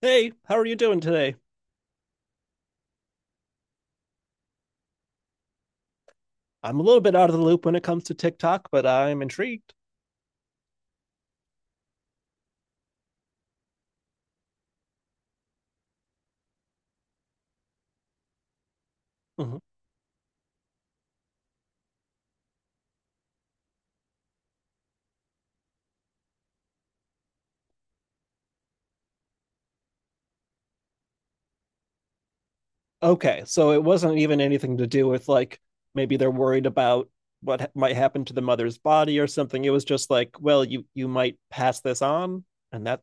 Hey, how are you doing today? I'm a little bit out of the loop when it comes to TikTok, but I'm intrigued. Mhm. Okay, so it wasn't even anything to do with like maybe they're worried about what might happen to the mother's body or something. It was just like, well, you might pass this on, and that,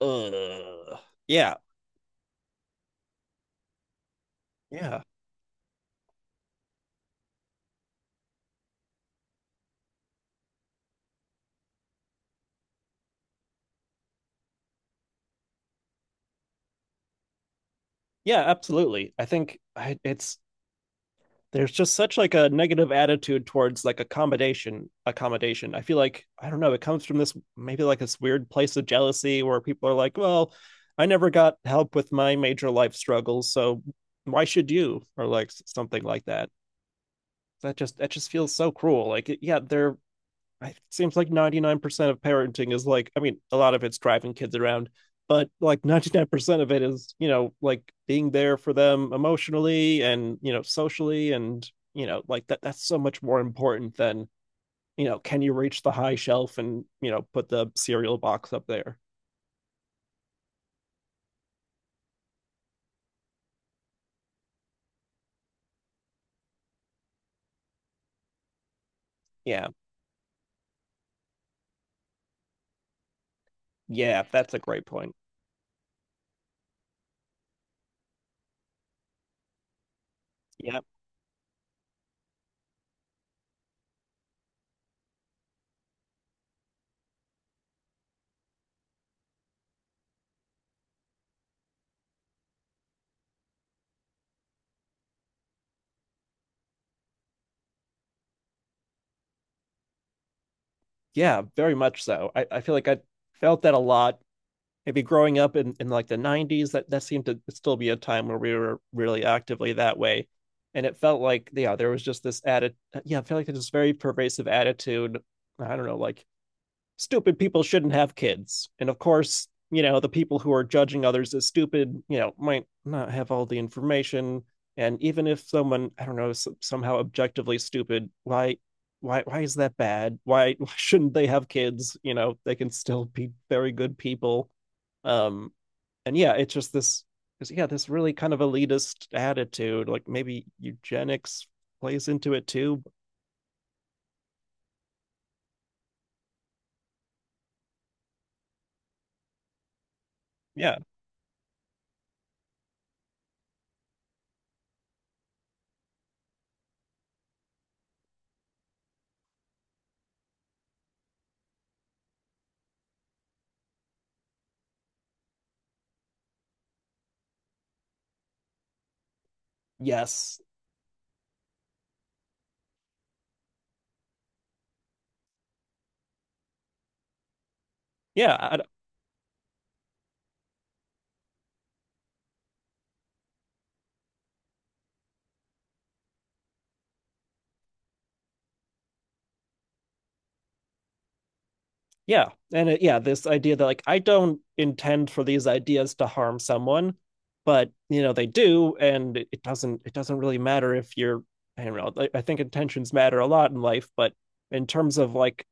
uh, yeah, yeah, yeah, absolutely. I think it's there's just such like a negative attitude towards like accommodation. I feel like, I don't know, it comes from this maybe like this weird place of jealousy where people are like, well, I never got help with my major life struggles, so why should you, or like something like that. That just feels so cruel. Like, yeah, they're, it seems like 99% of parenting is like, I mean, a lot of it's driving kids around, but like 99% of it is, like being there for them emotionally and, socially, and like that's so much more important than, can you reach the high shelf and, put the cereal box up there. Yeah. Yeah, that's a great point. Yeah, yeah, very much so. I feel like I felt that a lot, maybe growing up in like the 90s. That that seemed to still be a time where we were really actively that way, and it felt like, yeah, there was just this added, yeah, I feel like there's this very pervasive attitude, I don't know, like stupid people shouldn't have kids. And of course, the people who are judging others as stupid, might not have all the information. And even if someone, I don't know, somehow objectively stupid, why, why is that bad? Why, why shouldn't they have kids? They can still be very good people. Um, and yeah, it's just this, yeah, this really kind of elitist attitude. Like maybe eugenics plays into it too. Yeah. Yes. Yeah. I, yeah, yeah, this idea that like I don't intend for these ideas to harm someone, but you know they do. And it doesn't really matter if you're, I don't know, I think intentions matter a lot in life, but in terms of like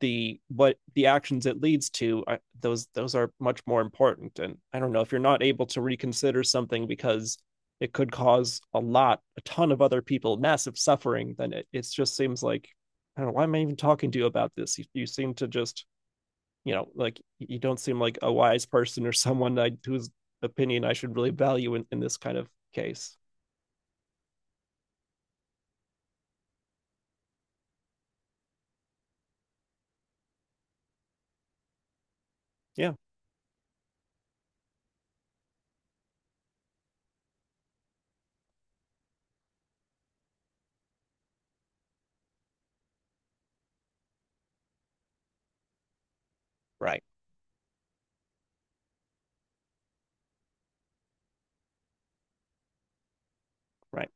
the what the actions it leads to, those are much more important. And I don't know, if you're not able to reconsider something because it could cause a ton of other people massive suffering, then it just seems like, I don't know, why am I even talking to you about this? You you, seem to just, like you don't seem like a wise person or someone whose opinion I should really value in this kind of case. Yeah, right, right.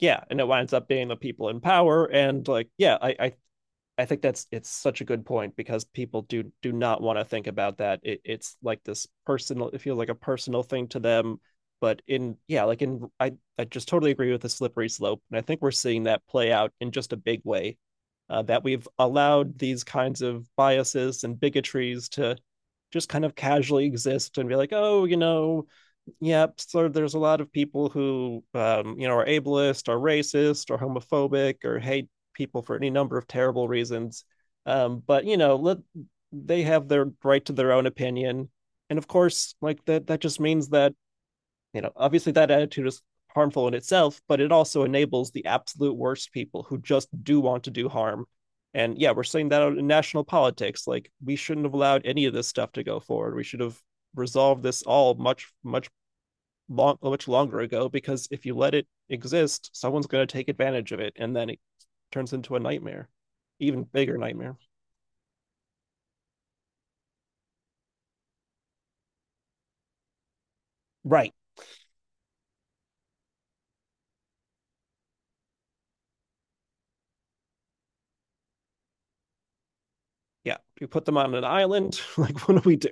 Yeah, and it winds up being the people in power, and like, yeah, I I think that's, it's such a good point because people do not want to think about that. It's like this personal, it feels like a personal thing to them. But in, yeah, like in, I just totally agree with the slippery slope, and I think we're seeing that play out in just a big way. That we've allowed these kinds of biases and bigotries to just kind of casually exist and be like, oh, you know. Yep. So there's a lot of people who, you know, are ableist, are racist, or homophobic, or hate people for any number of terrible reasons. But you know, let they have their right to their own opinion, and of course, like that just means that, you know, obviously, that attitude is harmful in itself, but it also enables the absolute worst people who just do want to do harm. And yeah, we're seeing that out in national politics. Like, we shouldn't have allowed any of this stuff to go forward. We should have resolved this all much, much longer ago, because if you let it exist, someone's going to take advantage of it, and then it turns into a nightmare, even bigger nightmare. Right? Yeah. You put them on an island. Like, what do we do?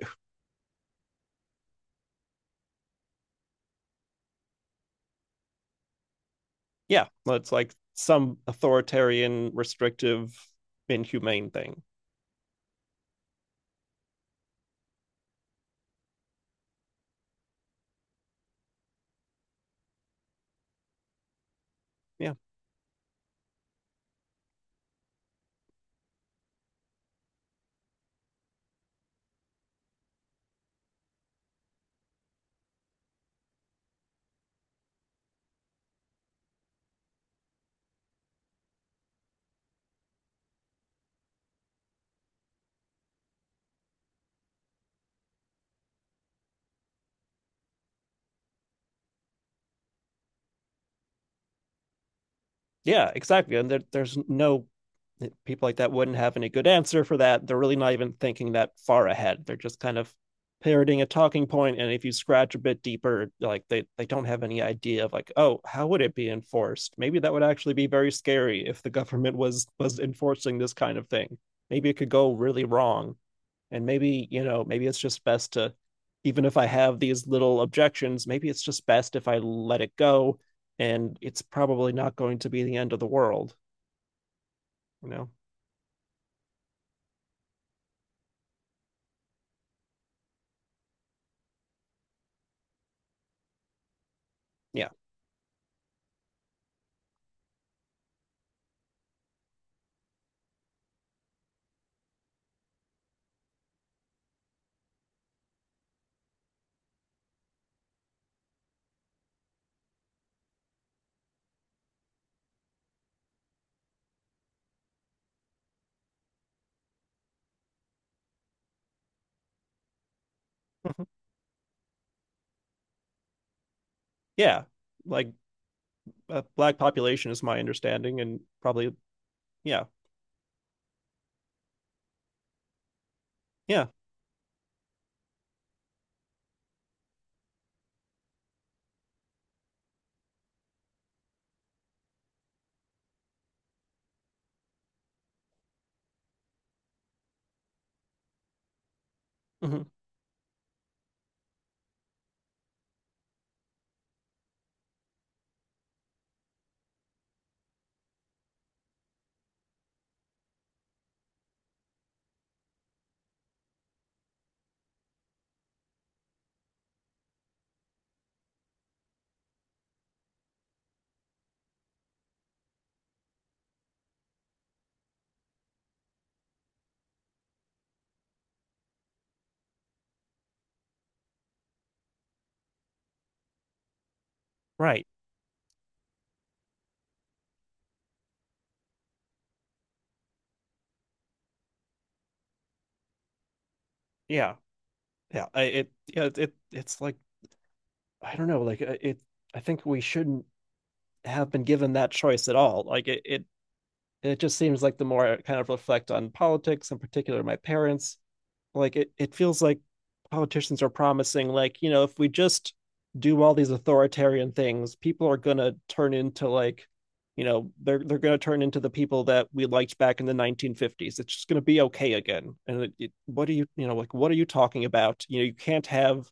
Yeah, well, it's like some authoritarian, restrictive, inhumane thing. Yeah. Yeah, exactly. And there's no, people like that wouldn't have any good answer for that. They're really not even thinking that far ahead. They're just kind of parroting a talking point. And if you scratch a bit deeper, like they don't have any idea of like, oh, how would it be enforced? Maybe that would actually be very scary if the government was enforcing this kind of thing. Maybe it could go really wrong, and maybe, you know, maybe it's just best to, even if I have these little objections, maybe it's just best if I let it go, and it's probably not going to be the end of the world, you know. Yeah. Mm-hmm. Yeah, like, black population is my understanding, and probably, yeah, yeah. Hmm. Right. Yeah, yeah, it, yeah, it it's like, I don't know, like, it, I think we shouldn't have been given that choice at all. Like it just seems like the more I kind of reflect on politics, in particular my parents, like it feels like politicians are promising like, you know, if we just do all these authoritarian things, people are going to turn into like, you know, they're going to turn into the people that we liked back in the 1950s. It's just going to be okay again. What are you, you know, like, what are you talking about? You know, you can't have,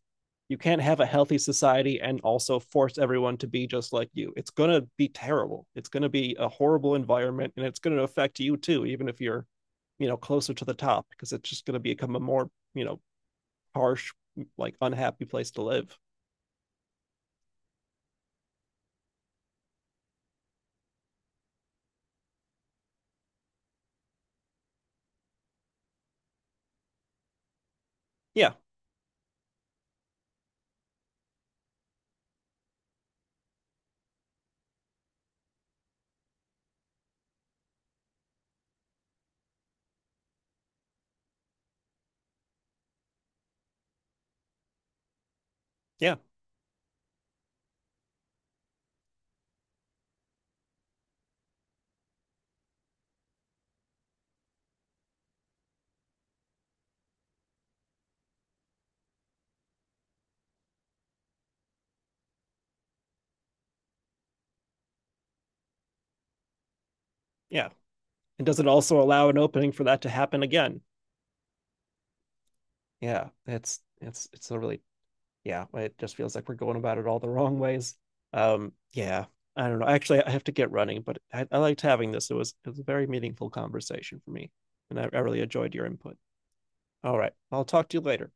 you can't have a healthy society and also force everyone to be just like you. It's going to be terrible, it's going to be a horrible environment, and it's going to affect you too, even if you're, you know, closer to the top, because it's just going to become a more, you know, harsh, like unhappy place to live. Yeah. Yeah. Yeah, and does it also allow an opening for that to happen again? Yeah, it's it's a really, yeah, it just feels like we're going about it all the wrong ways. Yeah, I don't know, actually I have to get running, but I liked having this, it was a very meaningful conversation for me. And I really enjoyed your input. All right, I'll talk to you later.